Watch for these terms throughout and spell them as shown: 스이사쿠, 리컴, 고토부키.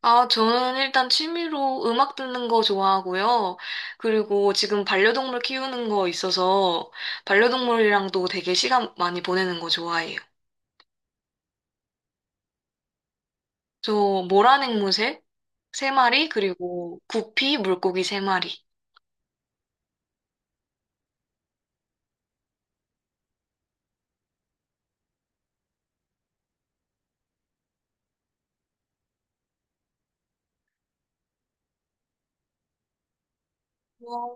아, 저는 일단 취미로 음악 듣는 거 좋아하고요. 그리고 지금 반려동물 키우는 거 있어서 반려동물이랑도 되게 시간 많이 보내는 거 좋아해요. 저 모란 앵무새 세 마리, 그리고 구피 물고기 세 마리. 와,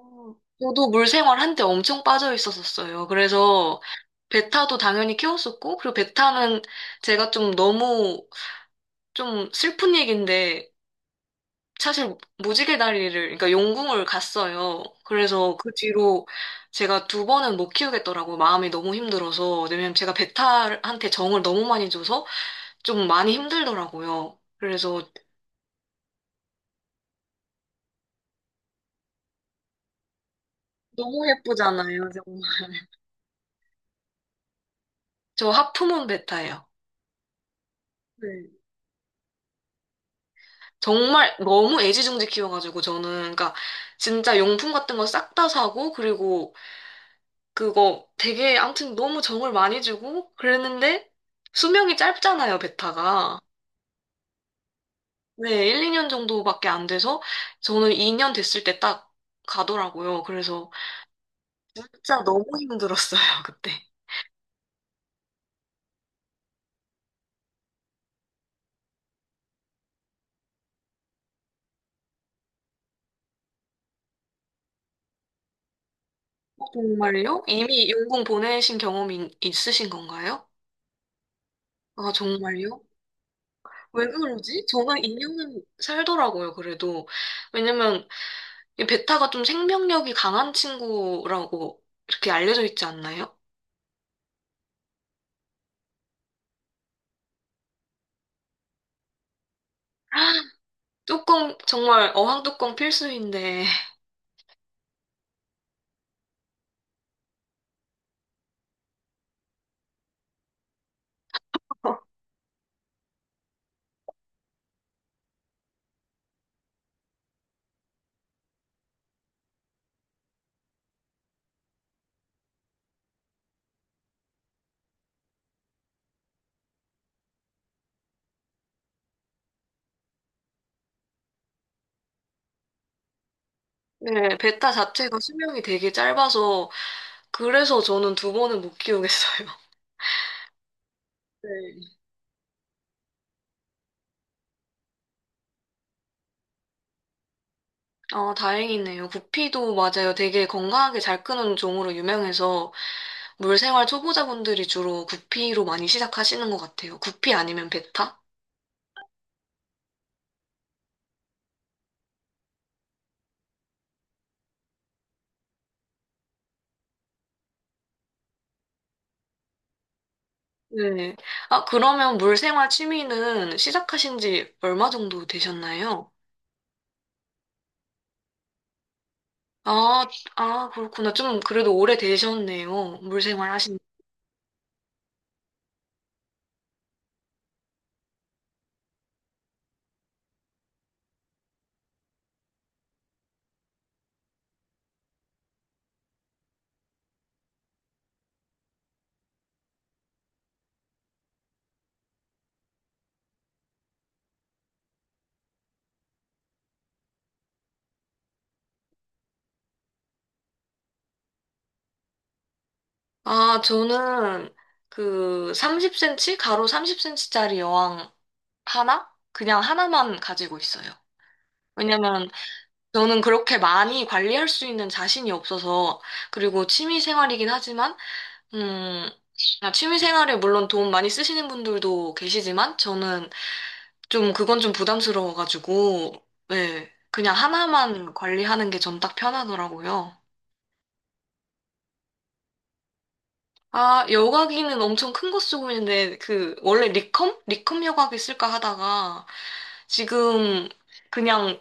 저도 물생활 한때 엄청 빠져 있었었어요. 그래서 베타도 당연히 키웠었고, 그리고 베타는 제가 좀 너무 좀 슬픈 얘기인데 사실 무지개 다리를, 그러니까 용궁을 갔어요. 그래서 그 뒤로 제가 두 번은 못 키우겠더라고요. 마음이 너무 힘들어서. 왜냐면 제가 베타한테 정을 너무 많이 줘서 좀 많이 힘들더라고요. 그래서 너무 예쁘잖아요, 정말. 저 하프문 베타예요. 네. 정말 너무 애지중지 키워가지고 저는, 그러니까 진짜 용품 같은 거 싹 다 사고, 그리고 그거 되게 아무튼 너무 정을 많이 주고 그랬는데 수명이 짧잖아요, 베타가. 네, 1, 2년 정도밖에 안 돼서 저는 2년 됐을 때 딱 가더라고요. 그래서 진짜 너무 힘들었어요, 그때. 어, 정말요? 이미 용궁 보내신 경험이 있으신 건가요? 아, 정말요? 왜 그러지? 저는 2년은 살더라고요, 그래도. 왜냐면 이 베타가 좀 생명력이 강한 친구라고 이렇게 알려져 있지 않나요? 뚜껑, 정말 어항 뚜껑 필수인데. 네, 베타 자체가 수명이 되게 짧아서 그래서 저는 두 번은 못 키우겠어요. 네. 아, 다행이네요. 구피도 맞아요. 되게 건강하게 잘 크는 종으로 유명해서 물생활 초보자분들이 주로 구피로 많이 시작하시는 것 같아요. 구피 아니면 베타? 네. 아, 그러면 물생활 취미는 시작하신 지 얼마 정도 되셨나요? 아, 아, 그렇구나. 좀 그래도 오래 되셨네요. 물생활 하신. 아, 저는 그 30cm? 가로 30cm짜리 여왕 하나? 그냥 하나만 가지고 있어요. 왜냐면 저는 그렇게 많이 관리할 수 있는 자신이 없어서, 그리고 취미 생활이긴 하지만, 음, 취미 생활에 물론 돈 많이 쓰시는 분들도 계시지만, 저는 좀 그건 좀 부담스러워가지고, 네, 그냥 하나만 관리하는 게 전 딱 편하더라고요. 아, 여과기는 엄청 큰 거 쓰고 있는데, 그, 원래 리컴? 리컴 여과기 쓸까 하다가, 지금 그냥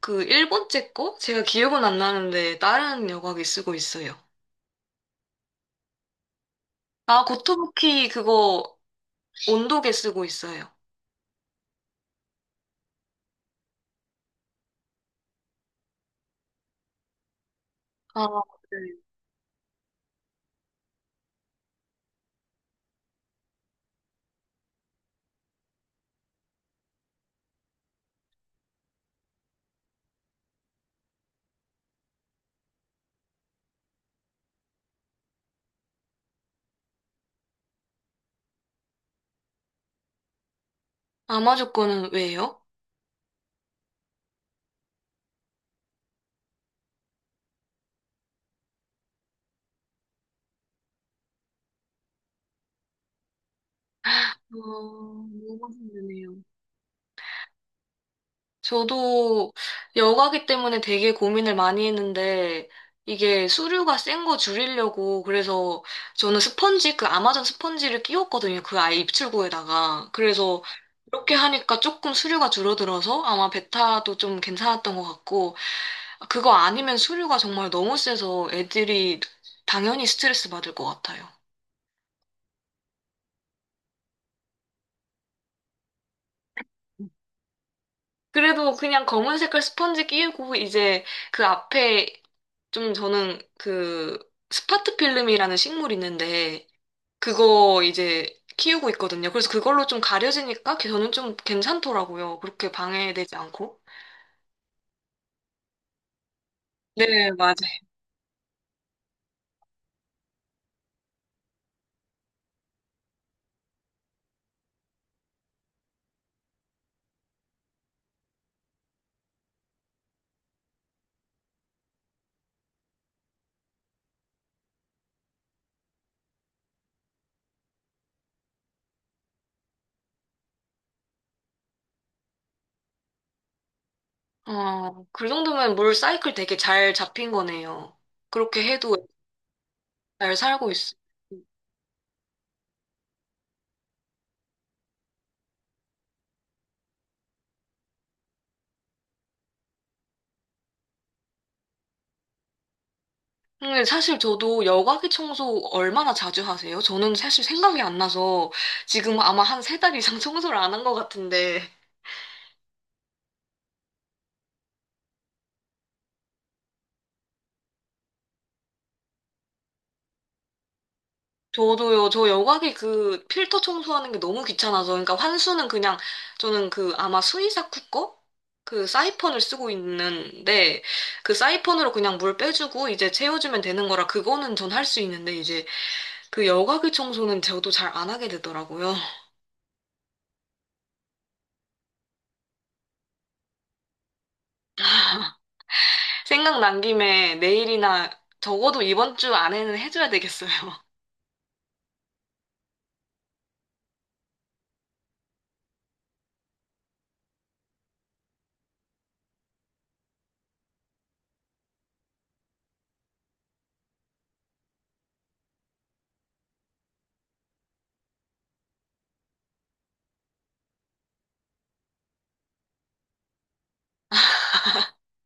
그 일본제 거? 제가 기억은 안 나는데 다른 여과기 쓰고 있어요. 아, 고토부키 그거 온도계 쓰고 있어요. 아, 네. 아마조 거는 왜요? 어, 너무 힘드네요. 저도 여과기 때문에 되게 고민을 많이 했는데 이게 수류가 센 거 줄이려고 그래서 저는 스펀지 그 아마존 스펀지를 끼웠거든요. 그 아이 입출구에다가. 그래서 이렇게 하니까 조금 수류가 줄어들어서 아마 베타도 좀 괜찮았던 것 같고, 그거 아니면 수류가 정말 너무 세서 애들이 당연히 스트레스 받을 것 같아요. 그래도 그냥 검은 색깔 스펀지 끼우고 이제 그 앞에 좀 저는 그 스파트 필름이라는 식물이 있는데 그거 이제 키우고 있거든요. 그래서 그걸로 좀 가려지니까 저는 좀 괜찮더라고요. 그렇게 방해되지 않고. 네, 맞아요. 어, 그 정도면 물 사이클 되게 잘 잡힌 거네요. 그렇게 해도 잘 살고 있어요. 근데 사실 저도 여과기 청소 얼마나 자주 하세요? 저는 사실 생각이 안 나서 지금 아마 한 세 달 이상 청소를 안 한 것 같은데. 저도요, 저 여과기 그 필터 청소하는 게 너무 귀찮아서. 그러니까 환수는 그냥 저는 그 아마 스이사쿠 거? 그 사이펀을 쓰고 있는데 그 사이펀으로 그냥 물 빼주고 이제 채워주면 되는 거라 그거는 전 할 수 있는데 이제 그 여과기 청소는 저도 잘 안 하게 되더라고요. 생각난 김에 내일이나 적어도 이번 주 안에는 해줘야 되겠어요.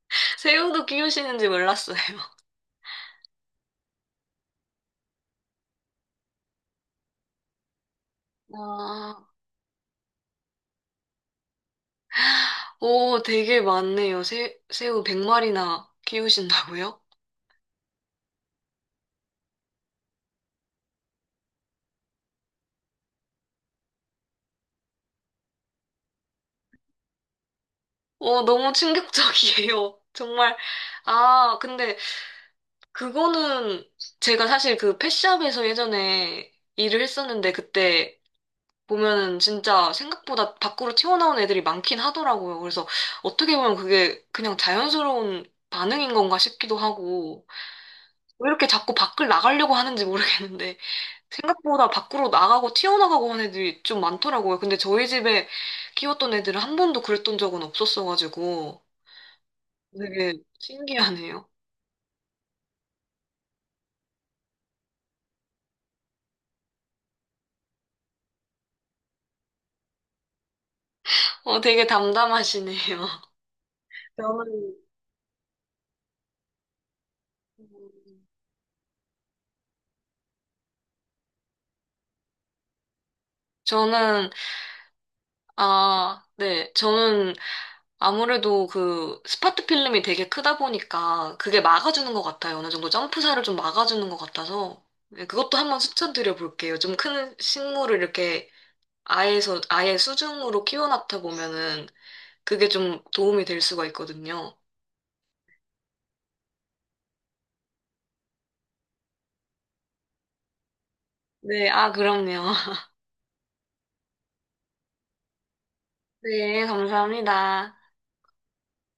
새우도 키우시는지 몰랐어요. 와, 오, 되게 많네요. 새우 100마리나 키우신다고요? 오, 너무 충격적이에요. 정말. 아, 근데 그거는 제가 사실 그 펫샵에서 예전에 일을 했었는데 그때 보면은 진짜 생각보다 밖으로 튀어나온 애들이 많긴 하더라고요. 그래서 어떻게 보면 그게 그냥 자연스러운 반응인 건가 싶기도 하고, 왜 이렇게 자꾸 밖을 나가려고 하는지 모르겠는데, 생각보다 밖으로 나가고 튀어나가고 하는 애들이 좀 많더라고요. 근데 저희 집에 키웠던 애들은 한 번도 그랬던 적은 없었어가지고, 되게 신기하네요. 어, 되게 담담하시네요. 저는 음, 저는, 아, 네. 저는 아무래도 그 스파트 필름이 되게 크다 보니까 그게 막아주는 것 같아요. 어느 정도 점프사를 좀 막아주는 것 같아서. 네, 그것도 한번 추천드려 볼게요. 좀 큰 식물을 이렇게 아예서, 아예 수중으로 키워놨다 보면은 그게 좀 도움이 될 수가 있거든요. 네, 아, 그럼요. 네, 감사합니다.